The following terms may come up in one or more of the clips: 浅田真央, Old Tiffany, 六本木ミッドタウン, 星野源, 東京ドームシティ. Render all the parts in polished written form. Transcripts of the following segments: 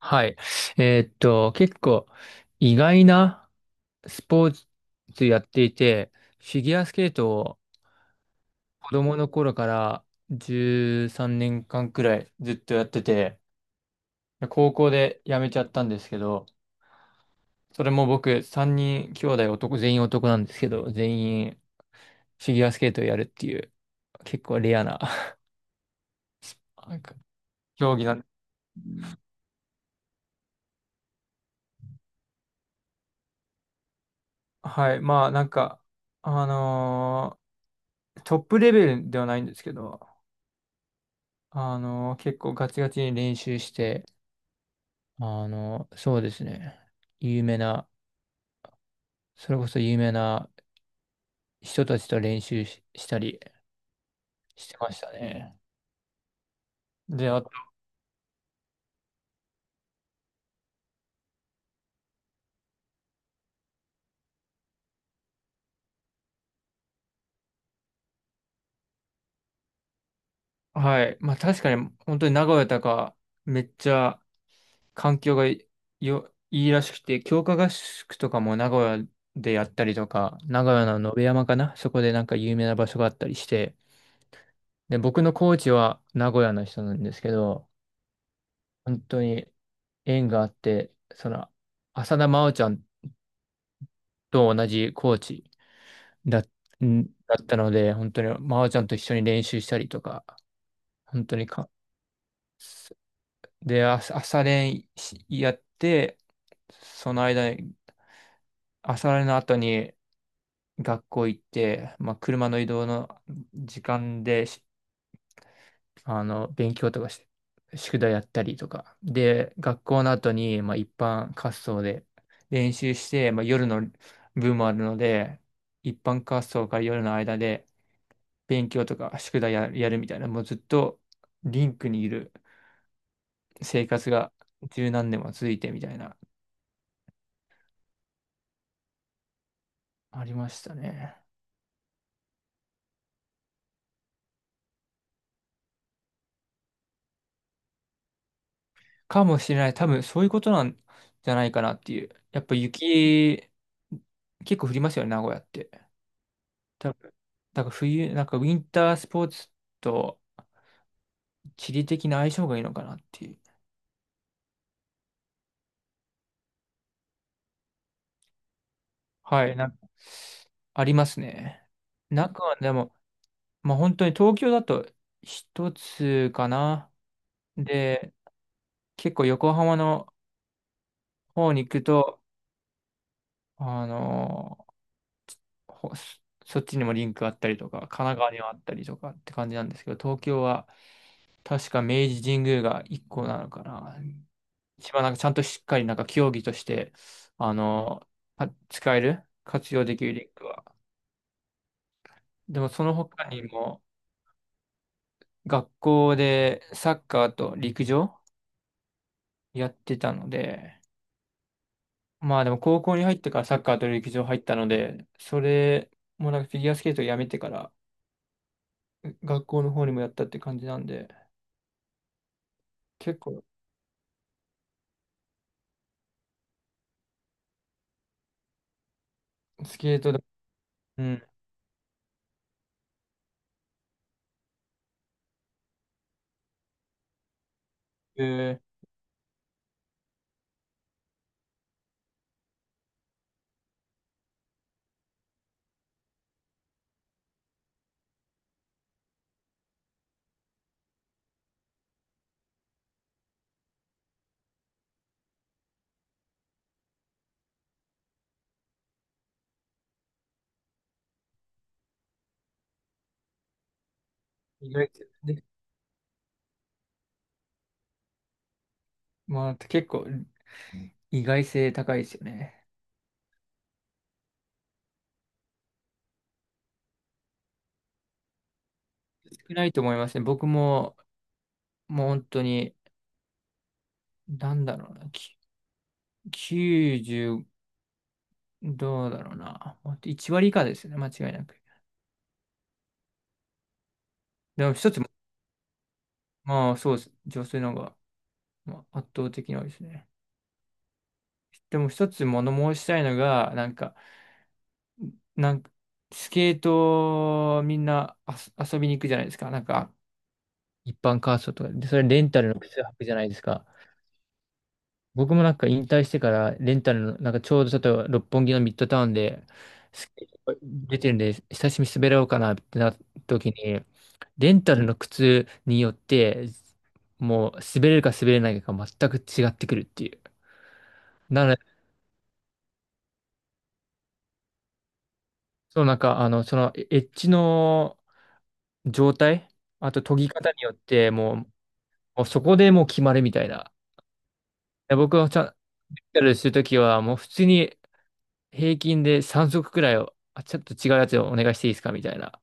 はい。結構意外なスポーツやっていて、フィギュアスケートを子供の頃から13年間くらいずっとやってて、高校で辞めちゃったんですけど、それも僕3人兄弟男、全員男なんですけど、全員フィギュアスケートをやるっていう結構レアな なんか競技なん。はい。まあなんか、あのトップレベルではないんですけど、結構ガチガチに練習して、そうですね。有名な、それこそ有名な人たちと練習し、したりしてましたね。で、あと、はい。まあ確かに、本当に名古屋とか、めっちゃ環境がいよ、いいらしくて、強化合宿とかも名古屋でやったりとか、名古屋の野辺山かな、そこでなんか有名な場所があったりして、で、僕のコーチは名古屋の人なんですけど、本当に縁があって、浅田真央ちゃんと同じコーチだ、んだったので、本当に真央ちゃんと一緒に練習したりとか、本当にか、で、朝練しやって、その間に、朝練の後に学校行って、まあ、車の移動の時間で勉強とかして、宿題やったりとか。で、学校の後に、まあ、一般滑走で練習して、まあ、夜の部もあるので、一般滑走から夜の間で勉強とか宿題やるみたいな、もうずっとリンクにいる生活が十何年も続いてみたいな、ありましたね。かもしれない。多分そういうことなんじゃないかなっていう。やっぱ雪、結構降りますよね、名古屋って。だから冬、なんかウィンタースポーツと地理的な相性がいいのかなっていう。はい、なんか、ありますね。中はでも、まあ本当に東京だと一つかな。で、結構横浜の方に行くと、あのーほそそっちにもリンクあったりとか、神奈川にはあったりとかって感じなんですけど、東京は確か明治神宮が一個なのかな。一番なんかちゃんとしっかりなんか競技として、あの、使える、活用できるリンクは。でもその他にも学校でサッカーと陸上やってたので、まあでも高校に入ってからサッカーと陸上入ったので、それもなんかフィギュアスケートをやめてから学校の方にもやったって感じなんで、結構スケートだ、うん、えー、意外性ね、まあ結構意外性高いですよね。少ないと思いますね。僕ももう本当になんだろうな、90、どうだろうな。1割以下ですよね、間違いなく。でも一つ、まあそうです。女性の方が、まあ、圧倒的に多いですね。でも一つ物申したいのが、なんかスケートみんな遊びに行くじゃないですか。なんか、一般カーストとかで、それレンタルの靴履くじゃないですか。僕もなんか引退してからレンタルの、なんかちょうどちょっと六本木のミッドタウンで、す出てるんで、久しぶりに滑ろうかなってなった時に、レンタルの靴によって、もう滑れるか滑れないかが全く違ってくるっていう。なので、そうなんか、そのエッジの状態、あと研ぎ方によって、もうそこでもう決まるみたいな。で僕はちゃんレンタルするときは、もう普通に平均で3足くらいを、ちょっと違うやつをお願いしていいですかみたいな。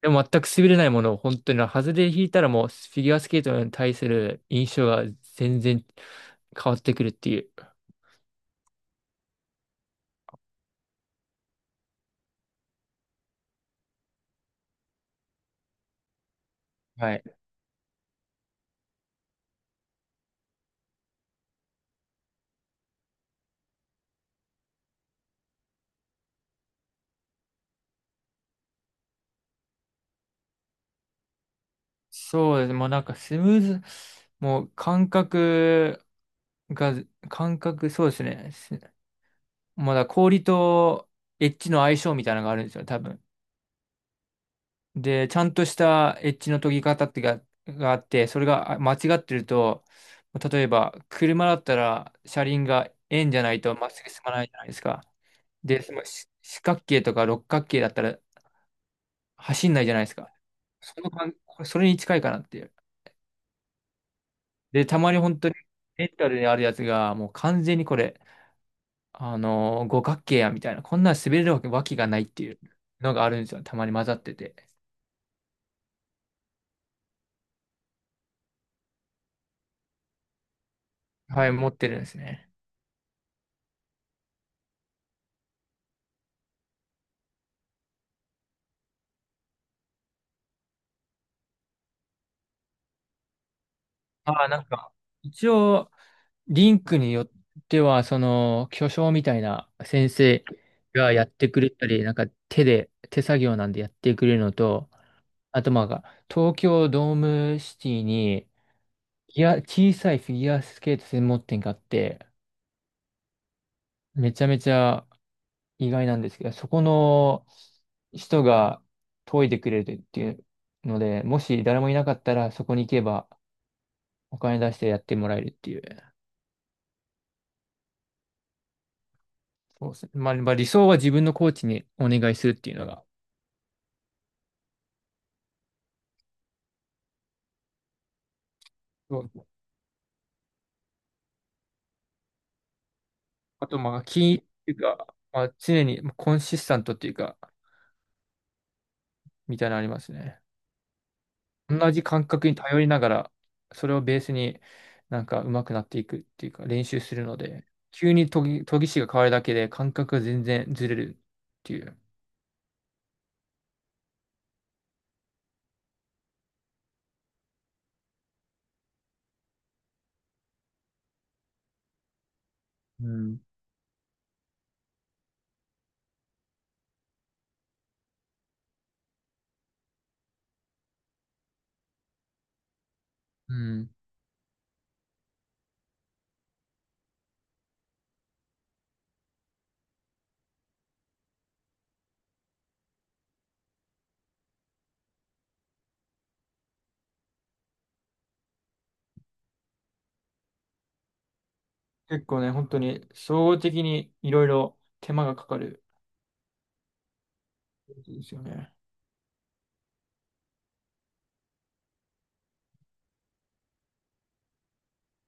でも全く滑れないものを本当に、外れ引いたらもうフィギュアスケートに対する印象が全然変わってくるっていう。はい。そうです。もうなんかスムーズ、もう感覚が、感覚、そうですね。まだ氷とエッジの相性みたいなのがあるんですよ、多分。で、ちゃんとしたエッジの研ぎ方ってがあって、それが間違ってると、例えば車だったら車輪が円じゃないとまっすぐ進まないじゃないですか。で、その四角形とか六角形だったら走んないじゃないですか。その感れそれに近いかなっていう。で、たまに本当にメンタルであるやつがもう完全にこれ、五角形やみたいな、こんなん滑れるわけがないっていうのがあるんですよ。たまに混ざってて。はい、持ってるんですね。ああ、なんか、一応、リンクによっては、巨匠みたいな先生がやってくれたり、なんか手作業なんでやってくれるのと、あとまあ、東京ドームシティに、いや、小さいフィギュアスケート専門店があって、めちゃめちゃ意外なんですけど、そこの人が研いでくれるっていうので、もし誰もいなかったら、そこに行けばお金出してやってもらえるっていう。そうですね。まあ理想は自分のコーチにお願いするっていうのが。そうあと、まあ、金っていうか、まあ、常にコンシスタントっていうか、みたいなのありますね。同じ感覚に頼りながら、それをベースになんか上手くなっていくっていうか、練習するので、急に研ぎ師が変わるだけで感覚が全然ずれるっていう。うん。うん。結構ね、本当に、総合的にいろいろ手間がかかるんですよね。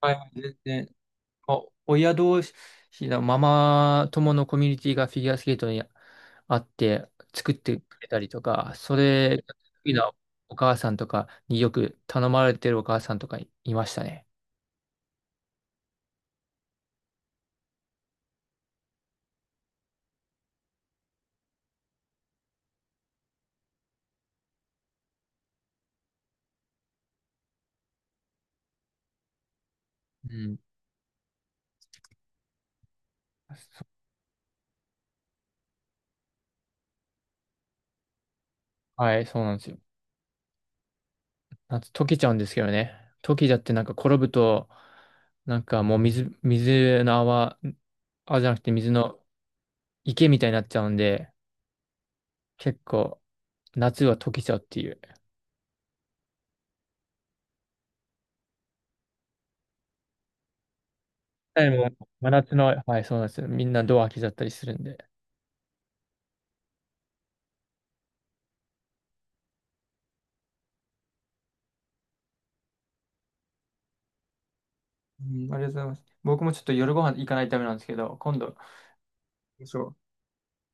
はい、全然。親同士のママ友のコミュニティがフィギュアスケートにあって作ってくれたりとか、それが得意なお母さんとかによく頼まれてるお母さんとかいましたね。うん。そはい、そうなんですよ。溶けちゃうんですけどね。溶けちゃってなんか転ぶと、なんかもう水の泡、泡じゃなくて水の池みたいになっちゃうんで、結構夏は溶けちゃうっていう。はい、もう真夏の、はい、そうなんですよ。みんなドア開けちゃったりするんで。うん、ありがとうございます。僕もちょっと夜ご飯行かないためなんですけど、今度、そう。